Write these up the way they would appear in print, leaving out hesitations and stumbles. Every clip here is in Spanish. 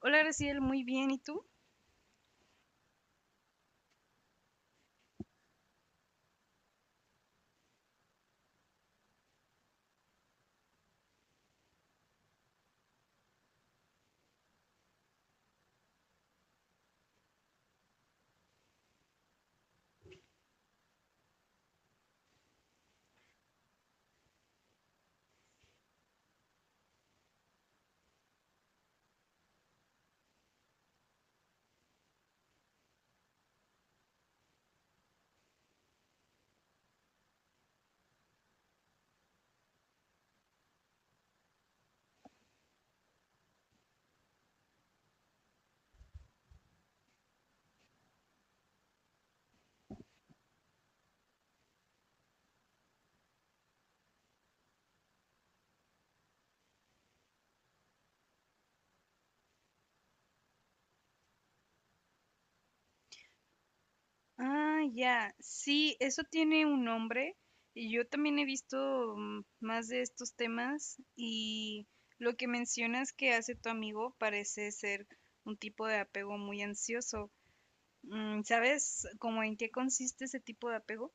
Hola, Graciel, muy bien. ¿Y tú? Ah, ya. Sí, eso tiene un nombre. Y yo también he visto más de estos temas. Y lo que mencionas que hace tu amigo parece ser un tipo de apego muy ansioso. ¿Sabes cómo en qué consiste ese tipo de apego?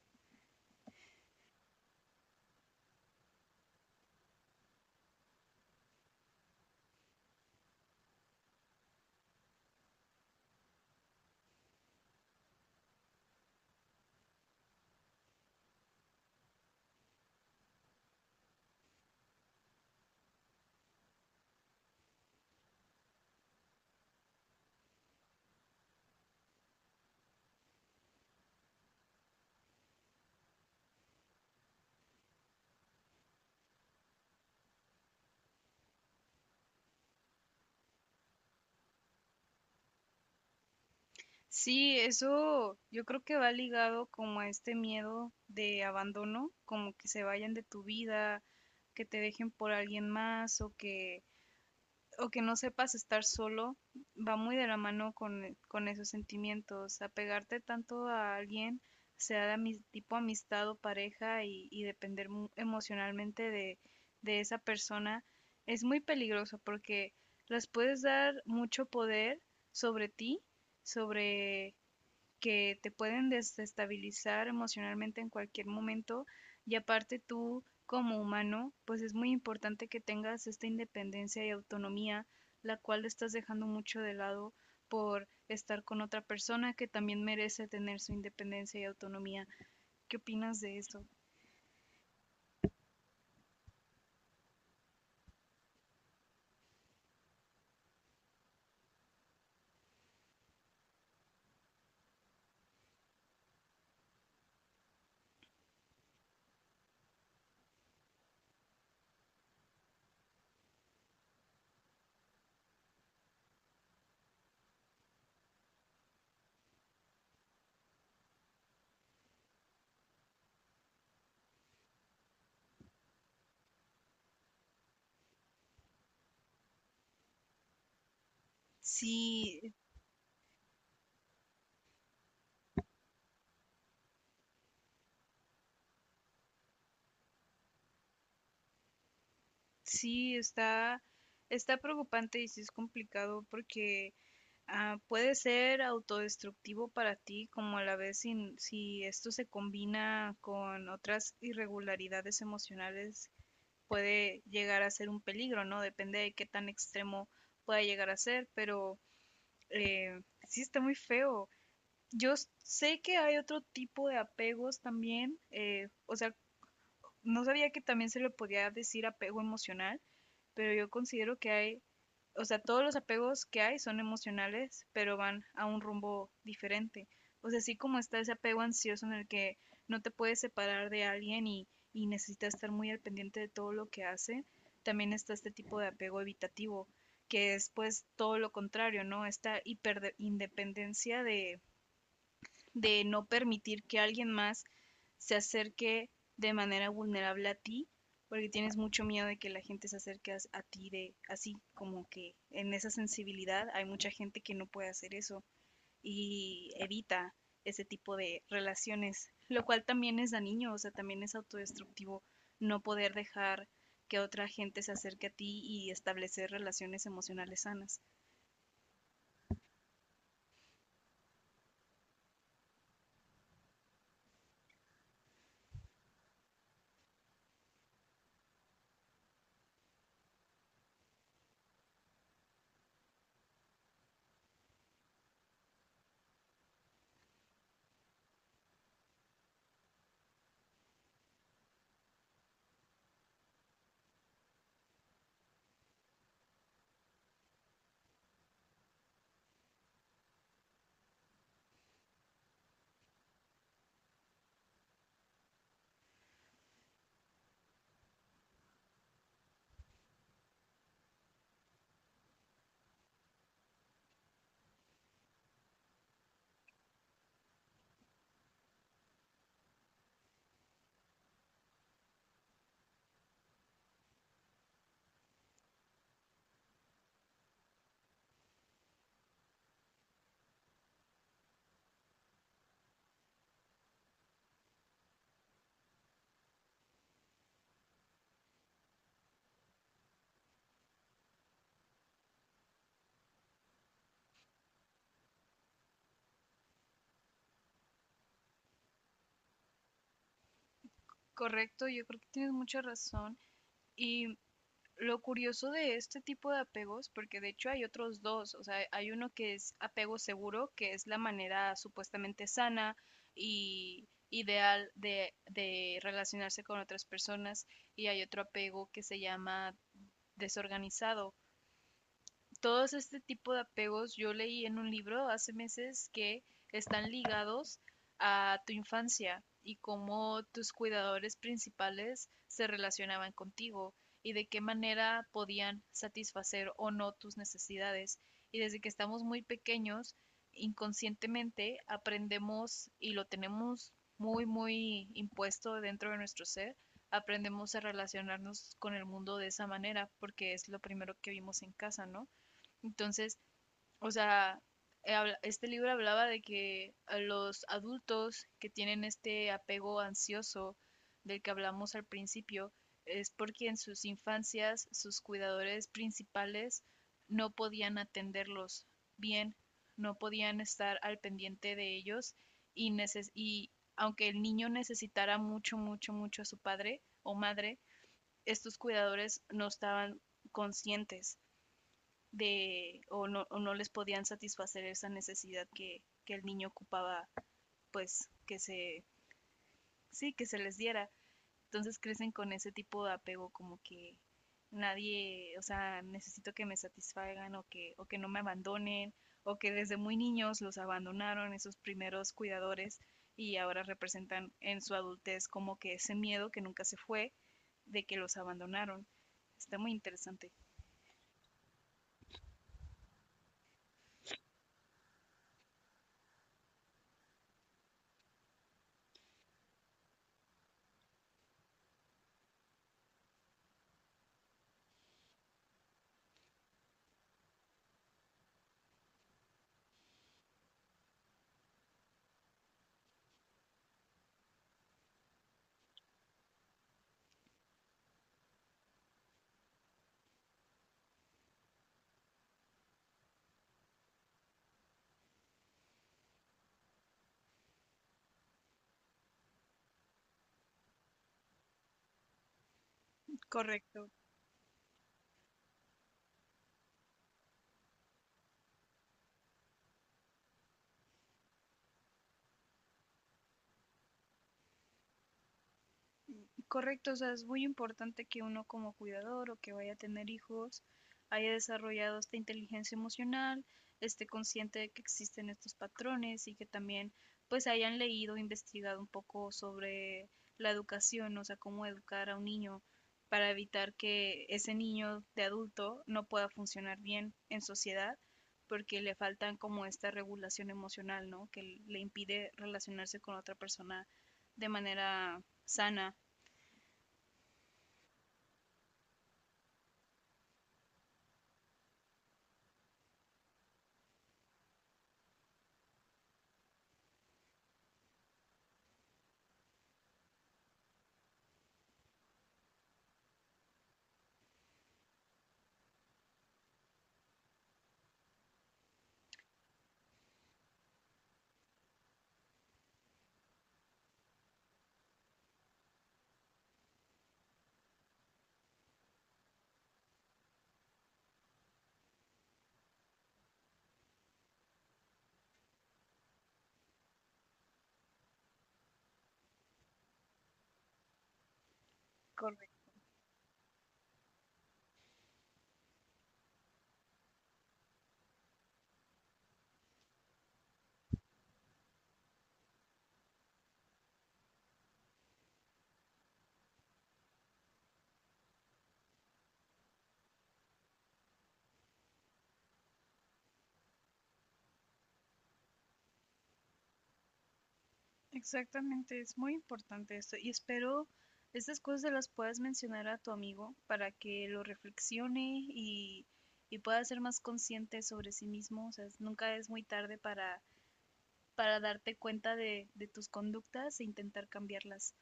Sí, eso yo creo que va ligado como a este miedo de abandono, como que se vayan de tu vida, que te dejen por alguien más o que no sepas estar solo, va muy de la mano con esos sentimientos. Apegarte tanto a alguien, sea de tipo amistad o pareja, y depender emocionalmente de esa persona, es muy peligroso porque las puedes dar mucho poder sobre ti, sobre que te pueden desestabilizar emocionalmente en cualquier momento, y aparte tú como humano, pues es muy importante que tengas esta independencia y autonomía, la cual estás dejando mucho de lado por estar con otra persona que también merece tener su independencia y autonomía. ¿Qué opinas de eso? Sí, sí, está preocupante y sí es complicado porque ah, puede ser autodestructivo para ti, como a la vez si esto se combina con otras irregularidades emocionales, puede llegar a ser un peligro, ¿no? Depende de qué tan extremo pueda llegar a ser, pero eh, sí está muy feo. Yo sé que hay otro tipo de apegos también, o sea, no sabía que también se le podía decir apego emocional, pero yo considero que hay, o sea, todos los apegos que hay son emocionales, pero van a un rumbo diferente. O sea, así como está ese apego ansioso en el que no te puedes separar de alguien, y necesitas estar muy al pendiente de todo lo que hace, también está este tipo de apego evitativo, que es pues todo lo contrario, ¿no? Esta hiperindependencia de no permitir que alguien más se acerque de manera vulnerable a ti, porque tienes mucho miedo de que la gente se acerque a ti, de así como que en esa sensibilidad hay mucha gente que no puede hacer eso y evita ese tipo de relaciones, lo cual también es dañino, o sea, también es autodestructivo no poder dejar que otra gente se acerque a ti y establecer relaciones emocionales sanas. Correcto, yo creo que tienes mucha razón. Y lo curioso de este tipo de apegos, porque de hecho hay otros dos, o sea, hay uno que es apego seguro, que es la manera supuestamente sana y ideal de relacionarse con otras personas, y hay otro apego que se llama desorganizado. Todos este tipo de apegos, yo leí en un libro hace meses que están ligados a tu infancia y cómo tus cuidadores principales se relacionaban contigo y de qué manera podían satisfacer o no tus necesidades. Y desde que estamos muy pequeños, inconscientemente aprendemos y lo tenemos muy, muy impuesto dentro de nuestro ser, aprendemos a relacionarnos con el mundo de esa manera porque es lo primero que vimos en casa, ¿no? Entonces, o sea, este libro hablaba de que a los adultos que tienen este apego ansioso del que hablamos al principio es porque en sus infancias sus cuidadores principales no podían atenderlos bien, no podían estar al pendiente de ellos y, aunque el niño necesitara mucho, mucho, mucho a su padre o madre, estos cuidadores no estaban conscientes de o no les podían satisfacer esa necesidad que el niño ocupaba, pues que se, sí, que se les diera. Entonces crecen con ese tipo de apego como que nadie, o sea, necesito que me satisfagan o que no me abandonen, o que desde muy niños los abandonaron esos primeros cuidadores y ahora representan en su adultez como que ese miedo que nunca se fue de que los abandonaron. Está muy interesante. Correcto. Correcto, o sea, es muy importante que uno como cuidador o que vaya a tener hijos haya desarrollado esta inteligencia emocional, esté consciente de que existen estos patrones y que también pues hayan leído, investigado un poco sobre la educación, o sea, cómo educar a un niño para evitar que ese niño de adulto no pueda funcionar bien en sociedad porque le faltan como esta regulación emocional, ¿no? Que le impide relacionarse con otra persona de manera sana. Correcto. Exactamente, es muy importante esto y espero estas cosas se las puedas mencionar a tu amigo para que lo reflexione y pueda ser más consciente sobre sí mismo. O sea, nunca es muy tarde para darte cuenta de tus conductas e intentar cambiarlas.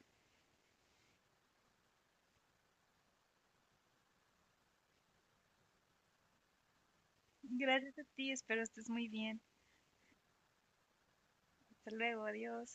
Gracias a ti, espero estés muy bien. Hasta luego, adiós.